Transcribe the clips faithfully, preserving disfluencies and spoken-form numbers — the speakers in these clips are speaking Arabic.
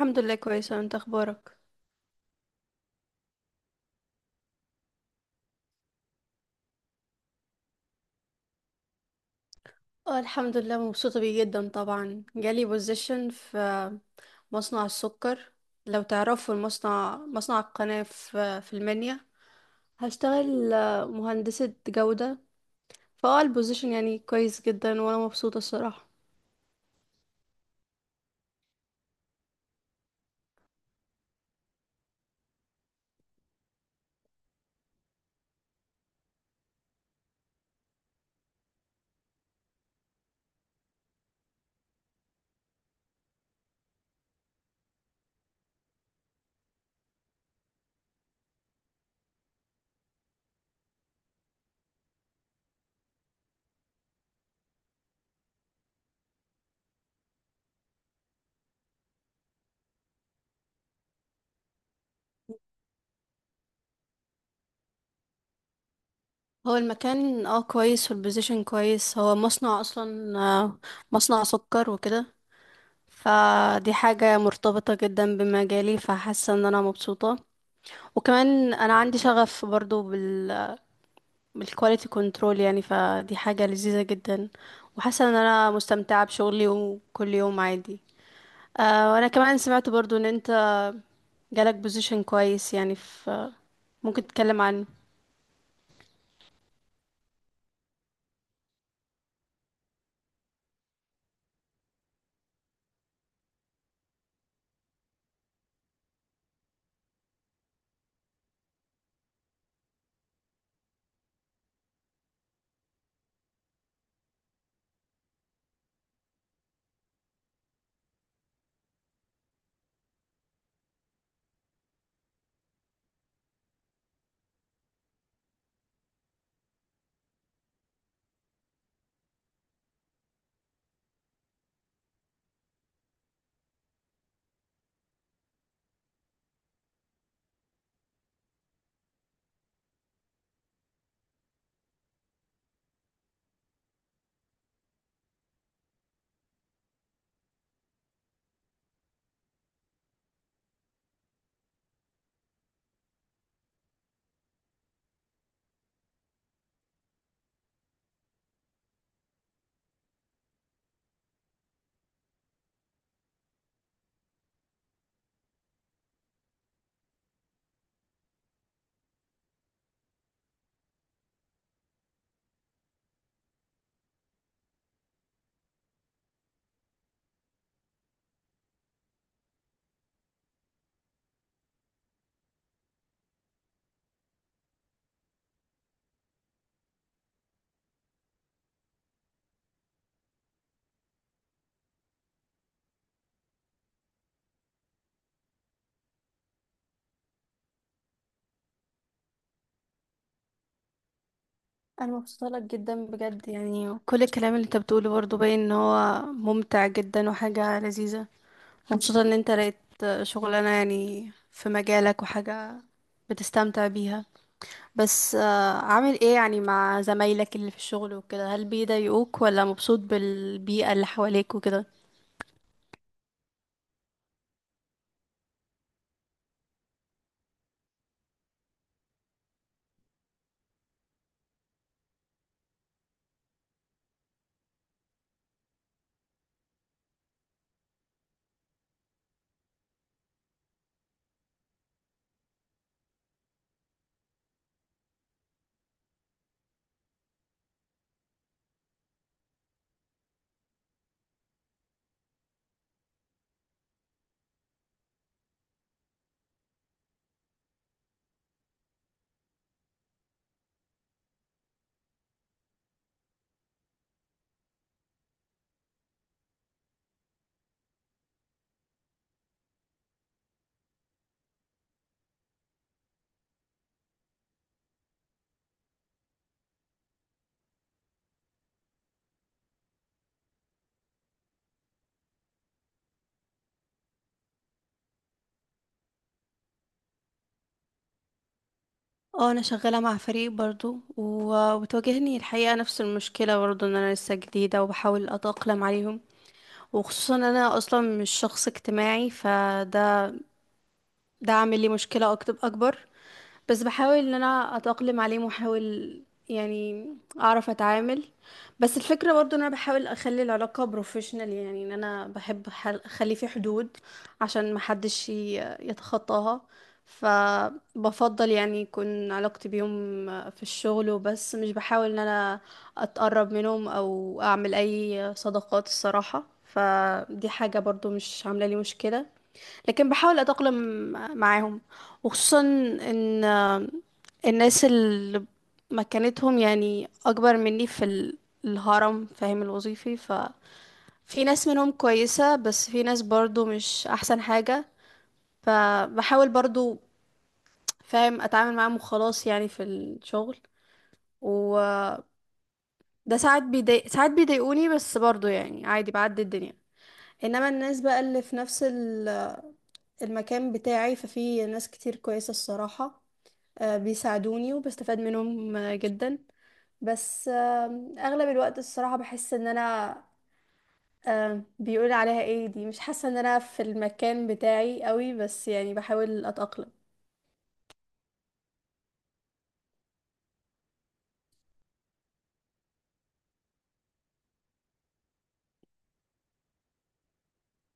الحمد لله كويسة، انت اخبارك؟ اه الحمد لله مبسوطة بيه جدا. طبعا جالي بوزيشن في مصنع السكر. لو تعرفوا المصنع، مصنع القناة في في المنيا. هشتغل آه، مهندسة جودة. فاه البوزيشن يعني كويس جدا وانا مبسوطة الصراحة. هو المكان اه كويس والبوزيشن كويس. هو مصنع اصلا، آه، مصنع سكر وكده. فدي حاجة مرتبطة جدا بمجالي، فحاسة ان انا مبسوطة. وكمان انا عندي شغف برضو بال بالكواليتي كنترول. يعني فدي حاجة لذيذة جدا، وحاسة ان انا مستمتعة بشغلي وكل يوم عادي. آه، وانا كمان سمعت برضو ان انت جالك بوزيشن كويس يعني، في، ممكن تتكلم عنه؟ انا مبسوطة لك جدا بجد. يعني كل الكلام اللي انت بتقوله برضو باين ان هو ممتع جدا وحاجة لذيذة. مبسوطة ان انت لقيت شغلانة يعني في مجالك وحاجة بتستمتع بيها. بس آه، عامل ايه يعني مع زمايلك اللي في الشغل وكده؟ هل بيضايقوك ولا مبسوط بالبيئة اللي حواليك وكده؟ اه انا شغاله مع فريق برضو، و- وبتواجهني الحقيقه نفس المشكله برضو ان انا لسه جديده وبحاول اتاقلم عليهم. وخصوصا ان انا اصلا مش شخص اجتماعي، فده ده عامل لي مشكله أكت- اكبر. بس بحاول ان انا اتأقلم عليه واحاول يعني اعرف اتعامل. بس الفكرة برضو ان انا بحاول اخلي العلاقة بروفيشنال. يعني ان انا بحب أح- اخلي في حدود عشان محدش ي- يتخطاها. فبفضل يعني يكون علاقتي بيهم في الشغل وبس، مش بحاول ان انا اتقرب منهم او اعمل اي صداقات الصراحة. فدي حاجة برضو مش عاملة لي مشكلة، لكن بحاول اتأقلم معاهم. وخصوصا ان الناس اللي مكانتهم يعني اكبر مني في ال- الهرم فاهم الوظيفي، ففي ناس منهم كويسة بس في ناس برضو مش احسن حاجة. فبحاول برضو فاهم اتعامل معاهم وخلاص يعني في الشغل. وده ساعات بيضايق ساعات بيضايقوني، بس برضو يعني عادي بعدي الدنيا. انما الناس بقى اللي في نفس ال- المكان بتاعي ففي ناس كتير كويسة الصراحة. آه، بيساعدوني وبستفاد منهم آه، جدا. بس آه، اغلب الوقت الصراحة بحس ان انا، آه، بيقول عليها ايه، دي مش حاسة ان انا في المكان بتاعي قوي، بس يعني بحاول اتأقلم.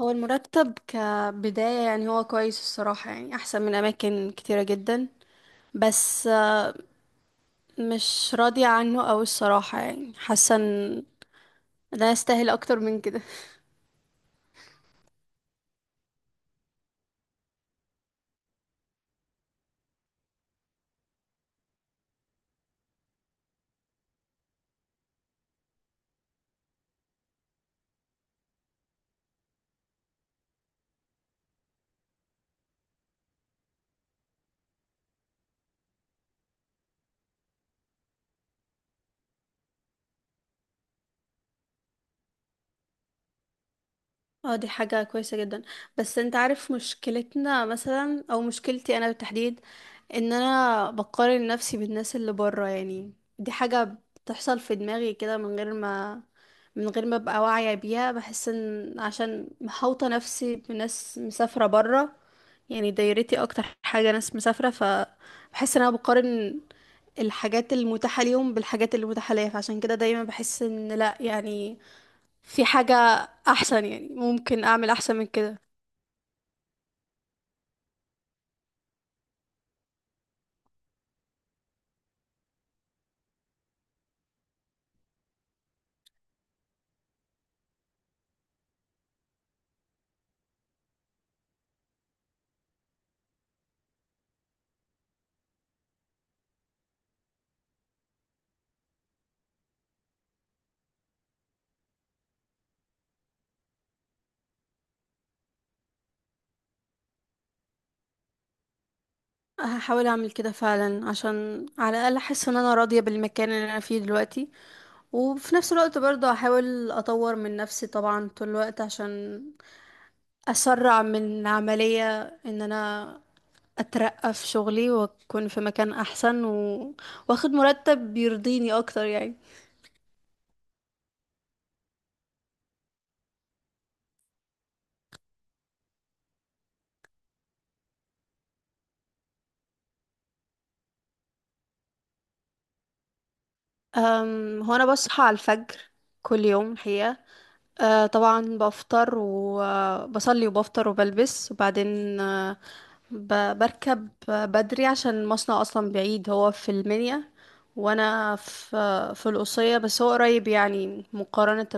هو المرتب كبداية يعني هو كويس الصراحة، يعني احسن من اماكن كتيرة جدا. بس آه، مش راضية عنه أوي الصراحة. يعني حاسة ان ده يستاهل اكتر من كده. اه دي حاجة كويسة جدا. بس انت عارف مشكلتنا مثلا او مشكلتي انا بالتحديد ان انا بقارن نفسي بالناس اللي بره. يعني دي حاجة بتحصل في دماغي كده، من غير ما من غير ما ابقى واعية بيها. بحس ان عشان محوطة نفسي بناس مسافرة بره، يعني دايرتي اكتر حاجة ناس مسافرة، فبحس ان انا بقارن الحاجات المتاحة ليهم بالحاجات اللي متاحة ليا. فعشان كده دايما بحس ان لا، يعني في حاجة أحسن، يعني ممكن أعمل أحسن من كده. هحاول أعمل كده فعلا عشان على الأقل أحس إن أنا راضية بالمكان اللي أنا فيه دلوقتي. وفي نفس الوقت برضه هحاول أطور من نفسي طبعا طول الوقت عشان أسرع من عملية إن أنا أترقى في شغلي وأكون في مكان أحسن، و... وأخد مرتب بيرضيني أكتر يعني. أم، هو أنا بصحى على الفجر كل يوم الحقيقة. آه طبعا بفطر وبصلي وبفطر وبلبس وبعدين، آه ب- بركب بدري عشان المصنع اصلا بعيد، هو في المنيا وانا في في القصية. بس هو قريب يعني مقارنة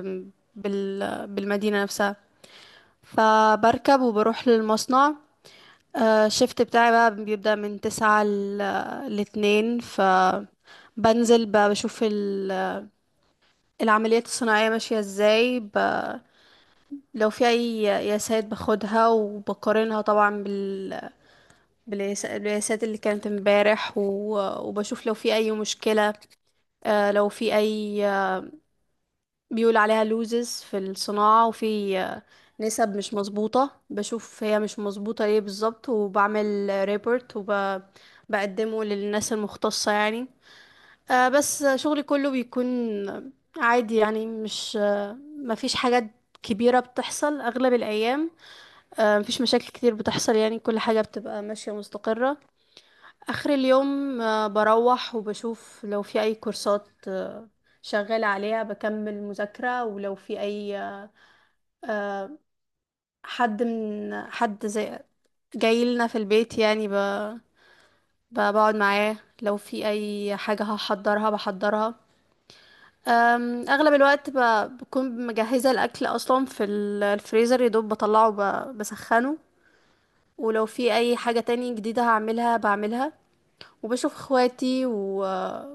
بال بالمدينة نفسها. فبركب وبروح للمصنع. آه، الشفت بتاعي بقى بيبدأ من تسعة ل- لاتنين. فبنزل بقى بشوف ال- العمليات الصناعية ماشية ازاي. ب- لو في اي قياسات باخدها وبقارنها طبعا بال... بالقياس- بالقياسات اللي كانت امبارح، و... وبشوف لو في اي مشكلة. آه لو في اي، آه، بيقول عليها لوزز في الصناعة، وفي آه، نسب مش مظبوطة، بشوف هي مش مظبوطة ليه بالظبط وبعمل ريبورت وبقدمه للناس المختصة يعني. آه بس شغلي كله بيكون عادي يعني، مش آه مفيش حاجات كبيرة بتحصل أغلب الأيام. آه، مفيش مشاكل كتير بتحصل يعني، كل حاجة بتبقى ماشية مستقرة. آخر اليوم آه، بروح وبشوف لو في أي كورسات آه، شغالة عليها بكمل مذاكرة. ولو في أي، آه، حد من حد زي جاي لنا في البيت يعني، ب- ب- بقعد معاه. لو في أي حاجة هحضرها بحضرها. أم، أغلب الوقت ب- بكون مجهزة الأكل أصلا في ال- الفريزر، يدوب بطلعه ب- بسخنه. ولو في أي حاجة تاني جديدة هعملها بعملها. وبشوف اخواتي و...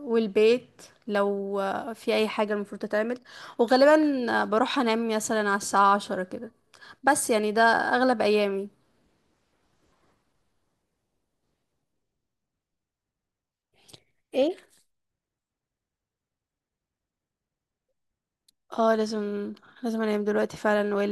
والبيت لو في اي حاجة المفروض تتعمل. وغالبا بروح انام مثلا على الساعة عشرة كده. بس يعني ده اغلب ايامي. ايه؟ اه لازم، لازم انام دلوقتي فعلا والا